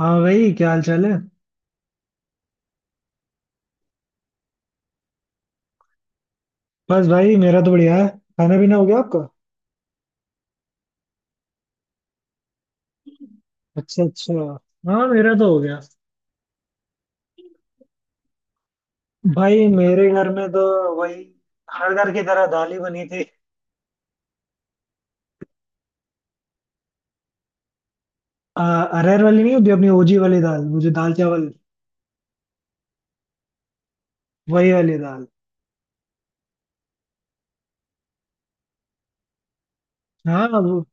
हाँ भाई, क्या हाल चाल है। बस भाई मेरा तो बढ़िया है। खाना पीना हो गया आपका? अच्छा अच्छा। हाँ, मेरा तो हो गया। भाई मेरे घर में तो वही, हर घर की तरह दाल ही बनी थी। आ, अरहर वाली नहीं होती अपनी ओजी वाली दाल, वो जो दाल चावल, वही वाली दाल। हाँ वो,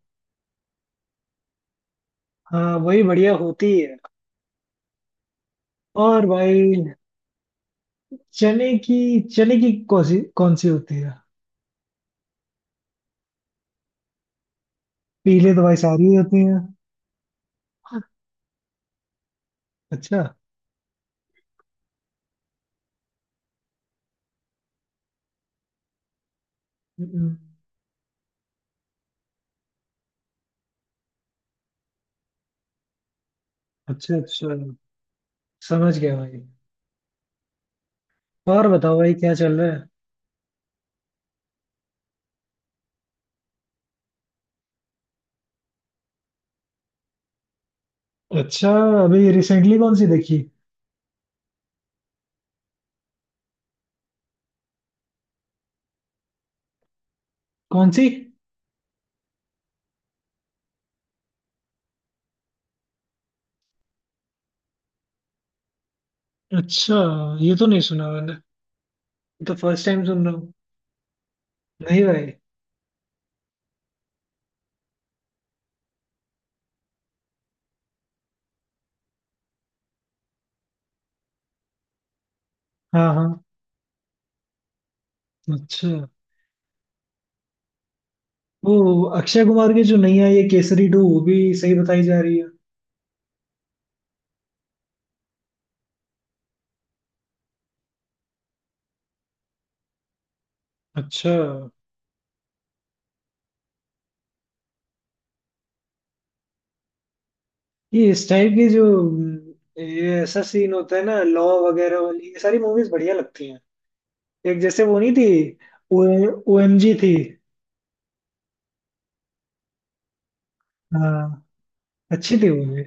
हाँ वही बढ़िया होती है। और भाई चने की चने की कौन सी होती है? पीले तो भाई सारी ही होती है। अच्छा। हम्म। अच्छा अच्छा, समझ गया भाई। और बताओ भाई, क्या चल रहा है? अच्छा, अभी रिसेंटली कौन सी देखी? कौन सी? अच्छा, ये तो नहीं सुना मैंने। ये तो फर्स्ट टाइम सुन रहा हूँ। नहीं भाई। हाँ हाँ। अच्छा, वो अक्षय कुमार की जो नई आई है केसरी टू, वो भी सही बताई जा रही है। अच्छा, ये इस टाइप की जो ये ऐसा सीन होता है ना, लॉ वगैरह वाली ये सारी मूवीज बढ़िया लगती हैं। एक जैसे वो नहीं थी, ओ एम जी थी। हाँ, अच्छी थी वो भी।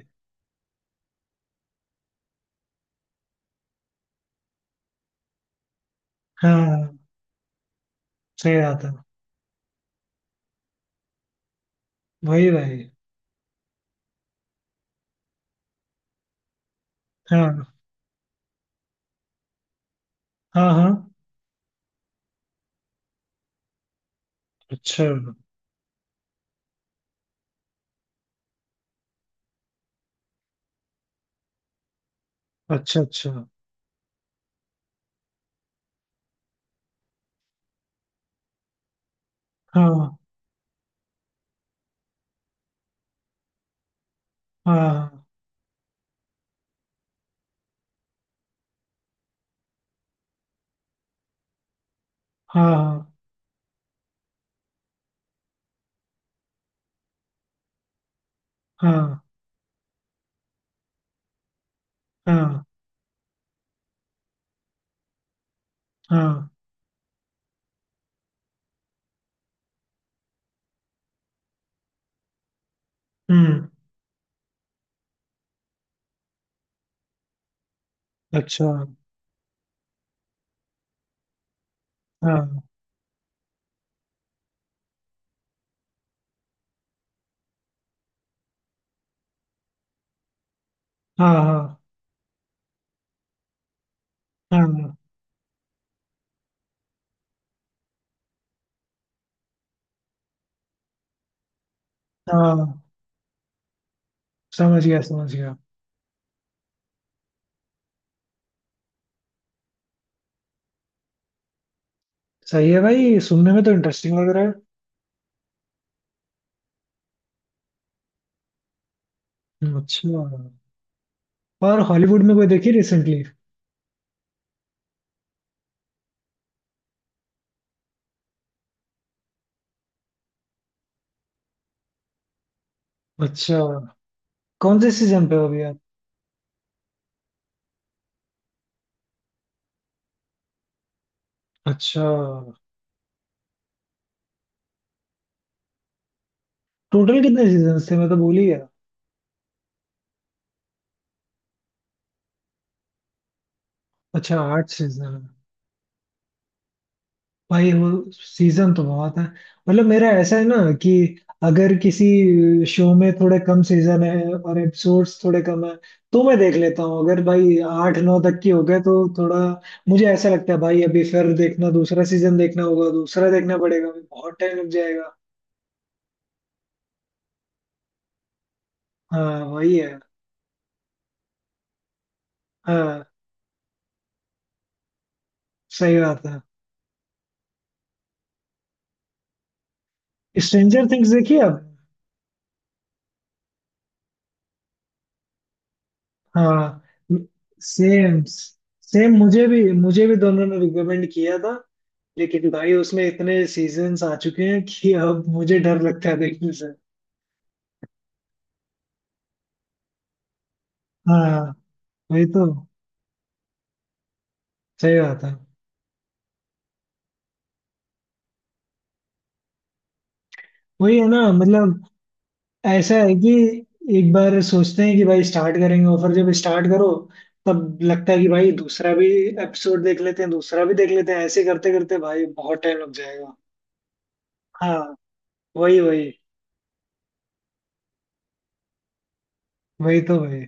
हाँ, सही बात है। वही भाई। हाँ हाँ हाँ। अच्छा अच्छा अच्छा। हाँ हाँ हाँ हाँ हाँ हाँ। हम्म। अच्छा। हाँ हाँ हाँ हाँ हाँ, समझ गया समझ गया। सही है भाई, सुनने में तो इंटरेस्टिंग लग रहा है। अच्छा। और हॉलीवुड में कोई देखी रिसेंटली? अच्छा, कौन से सीजन पे हो अभी आप? अच्छा, टोटल कितने सीजन थे, मैं तो भूल ही गया। अच्छा, आठ सीजन। भाई वो सीजन तो बहुत है। मतलब मेरा ऐसा है ना कि अगर किसी शो में थोड़े कम सीजन है और एपिसोड्स थोड़े कम है, तो मैं देख लेता हूँ। अगर भाई आठ नौ तक की हो गए तो थोड़ा मुझे ऐसा लगता है भाई, अभी फिर देखना, दूसरा सीजन देखना होगा, दूसरा देखना पड़ेगा, अभी बहुत टाइम लग जाएगा। हाँ वही है। हाँ, सही बात है। स्ट्रेंजर थिंग्स देखिए आप। हाँ सेम। सेम मुझे भी, मुझे भी दोनों ने रिकमेंड किया था। लेकिन भाई उसमें इतने सीजन्स आ चुके हैं कि अब मुझे डर लगता है देखने से। हाँ वही तो। सही बात है। वही है ना मतलब। ऐसा है कि एक बार सोचते हैं कि भाई स्टार्ट करेंगे, और फिर जब स्टार्ट करो तब लगता है कि भाई दूसरा भी एपिसोड देख लेते हैं, दूसरा भी देख लेते हैं, ऐसे करते करते भाई बहुत टाइम लग जाएगा। हाँ, वही वही। वही तो भाई।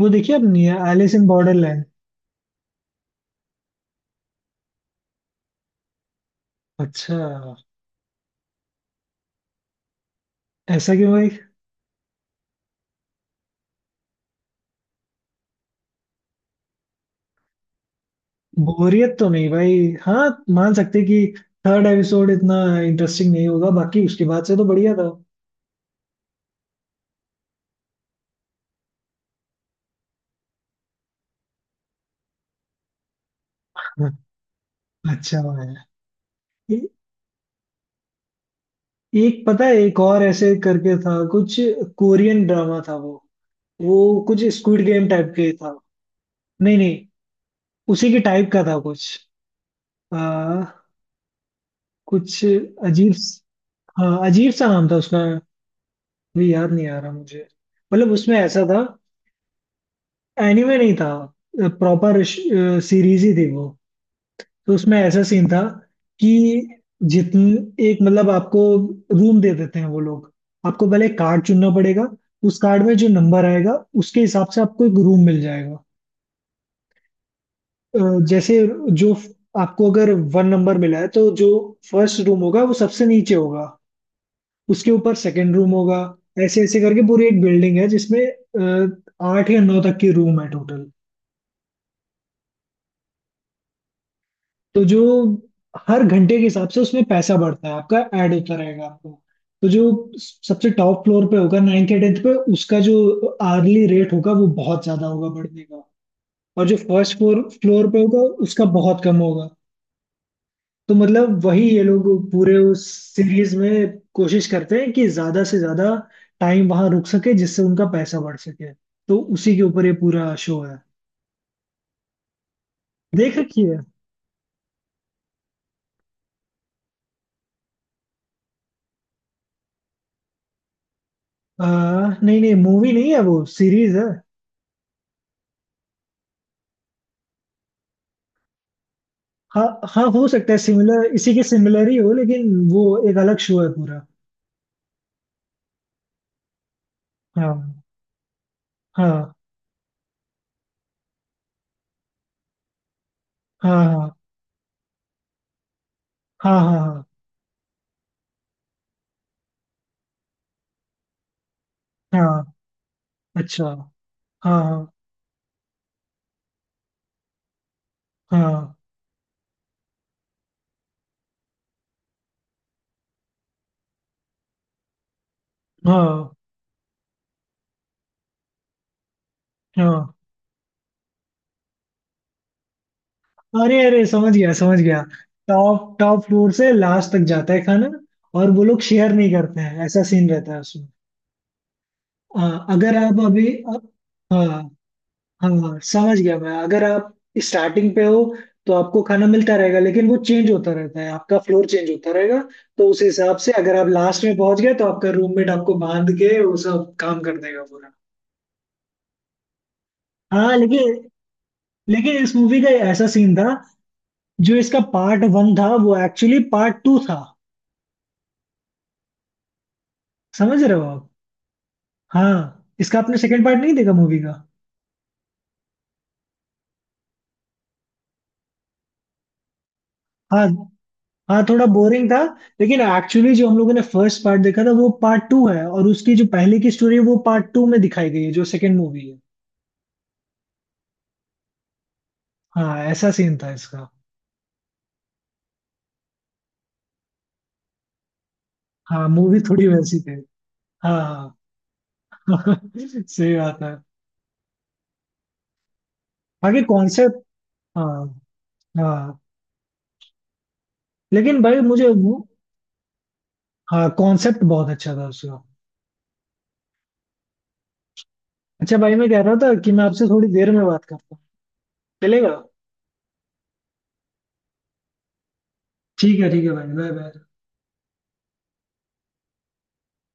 वो देखिए अपनी एलिस इन बॉर्डरलैंड। अच्छा, ऐसा क्यों भाई? बोरियत तो नहीं भाई। हाँ, मान सकते कि थर्ड एपिसोड इतना इंटरेस्टिंग नहीं होगा, बाकी उसके बाद से तो बढ़िया था। अच्छा भाई। ए- एक पता है, एक और ऐसे करके था कुछ, कोरियन ड्रामा था वो। वो कुछ स्क्विड गेम टाइप के था। नहीं नहीं, उसी के टाइप का था कुछ, आ, कुछ अजीब। हाँ अजीब सा नाम था उसका, भी याद नहीं आ रहा मुझे। मतलब उसमें ऐसा था, एनिमे नहीं था, प्रॉपर सीरीज ही थी वो। तो उसमें ऐसा सीन था कि जितने एक मतलब आपको रूम दे देते हैं वो लोग, आपको पहले कार्ड चुनना पड़ेगा। उस कार्ड में जो नंबर आएगा उसके हिसाब से आपको एक रूम मिल जाएगा। जैसे जो फ- आपको अगर 1 नंबर मिला है तो जो फर्स्ट रूम होगा वो सबसे नीचे होगा, उसके ऊपर सेकंड रूम होगा। ऐसे ऐसे करके पूरी एक बिल्डिंग है जिसमें 8 या 9 तक की रूम है टोटल। तो जो हर घंटे के हिसाब से उसमें पैसा बढ़ता है आपका, ऐड होता रहेगा आपको। तो जो सबसे टॉप फ्लोर पे होगा, नाइन्थ या टेंथ पे, उसका जो आर्ली रेट होगा वो बहुत ज्यादा होगा बढ़ने का। और जो फर्स्ट फ्लोर फ्लोर पे होगा उसका बहुत कम होगा। तो मतलब वही, ये लोग पूरे उस सीरीज में कोशिश करते हैं कि ज्यादा से ज्यादा टाइम वहां रुक सके जिससे उनका पैसा बढ़ सके। तो उसी के ऊपर ये पूरा शो है। देख रखी है। आ, नहीं नहीं, मूवी नहीं है, वो सीरीज है। हाँ हाँ, हो सकता है सिमिलर, इसी के सिमिलर ही हो, लेकिन वो एक अलग शो है पूरा। हाँ हाँ हाँ हाँ हाँ हाँ हाँ हाँ, अच्छा। हाँ हाँ हाँ हाँ हाँ। अरे अरे, समझ गया समझ गया। टॉप टॉप फ्लोर से लास्ट तक जाता है खाना, और वो लोग शेयर नहीं करते हैं, ऐसा सीन रहता है उसमें। हाँ, अगर आप अभी, हाँ हाँ समझ गया मैं। अगर आप स्टार्टिंग पे हो तो आपको खाना मिलता रहेगा, लेकिन वो चेंज होता रहता है, आपका फ्लोर चेंज होता रहेगा। तो उस हिसाब से अगर आप लास्ट में पहुंच गए तो आपका रूममेट आपको बांध के वो सब काम कर देगा पूरा। हाँ, लेकिन लेकिन इस मूवी का ऐसा सीन था, जो इसका पार्ट 1 था वो एक्चुअली पार्ट 2 था। समझ रहे हो आप? हाँ, इसका आपने सेकंड पार्ट नहीं देखा मूवी का? हाँ हाँ, थोड़ा बोरिंग था। लेकिन एक्चुअली जो हम लोगों ने फर्स्ट पार्ट देखा था वो पार्ट 2 है, और उसकी जो पहले की स्टोरी है वो पार्ट टू में दिखाई गई है जो सेकंड मूवी है। हाँ, ऐसा सीन था इसका। हाँ, मूवी थोड़ी वैसी थी। हाँ हाँ सही बात है। बाकी कॉन्सेप्ट, हाँ हाँ। लेकिन भाई मुझे वो, हाँ, कॉन्सेप्ट बहुत अच्छा था उसका। अच्छा भाई, मैं कह रहा था कि मैं आपसे थोड़ी देर में बात करता हूँ, चलेगा? ठीक है भाई, बाय बाय।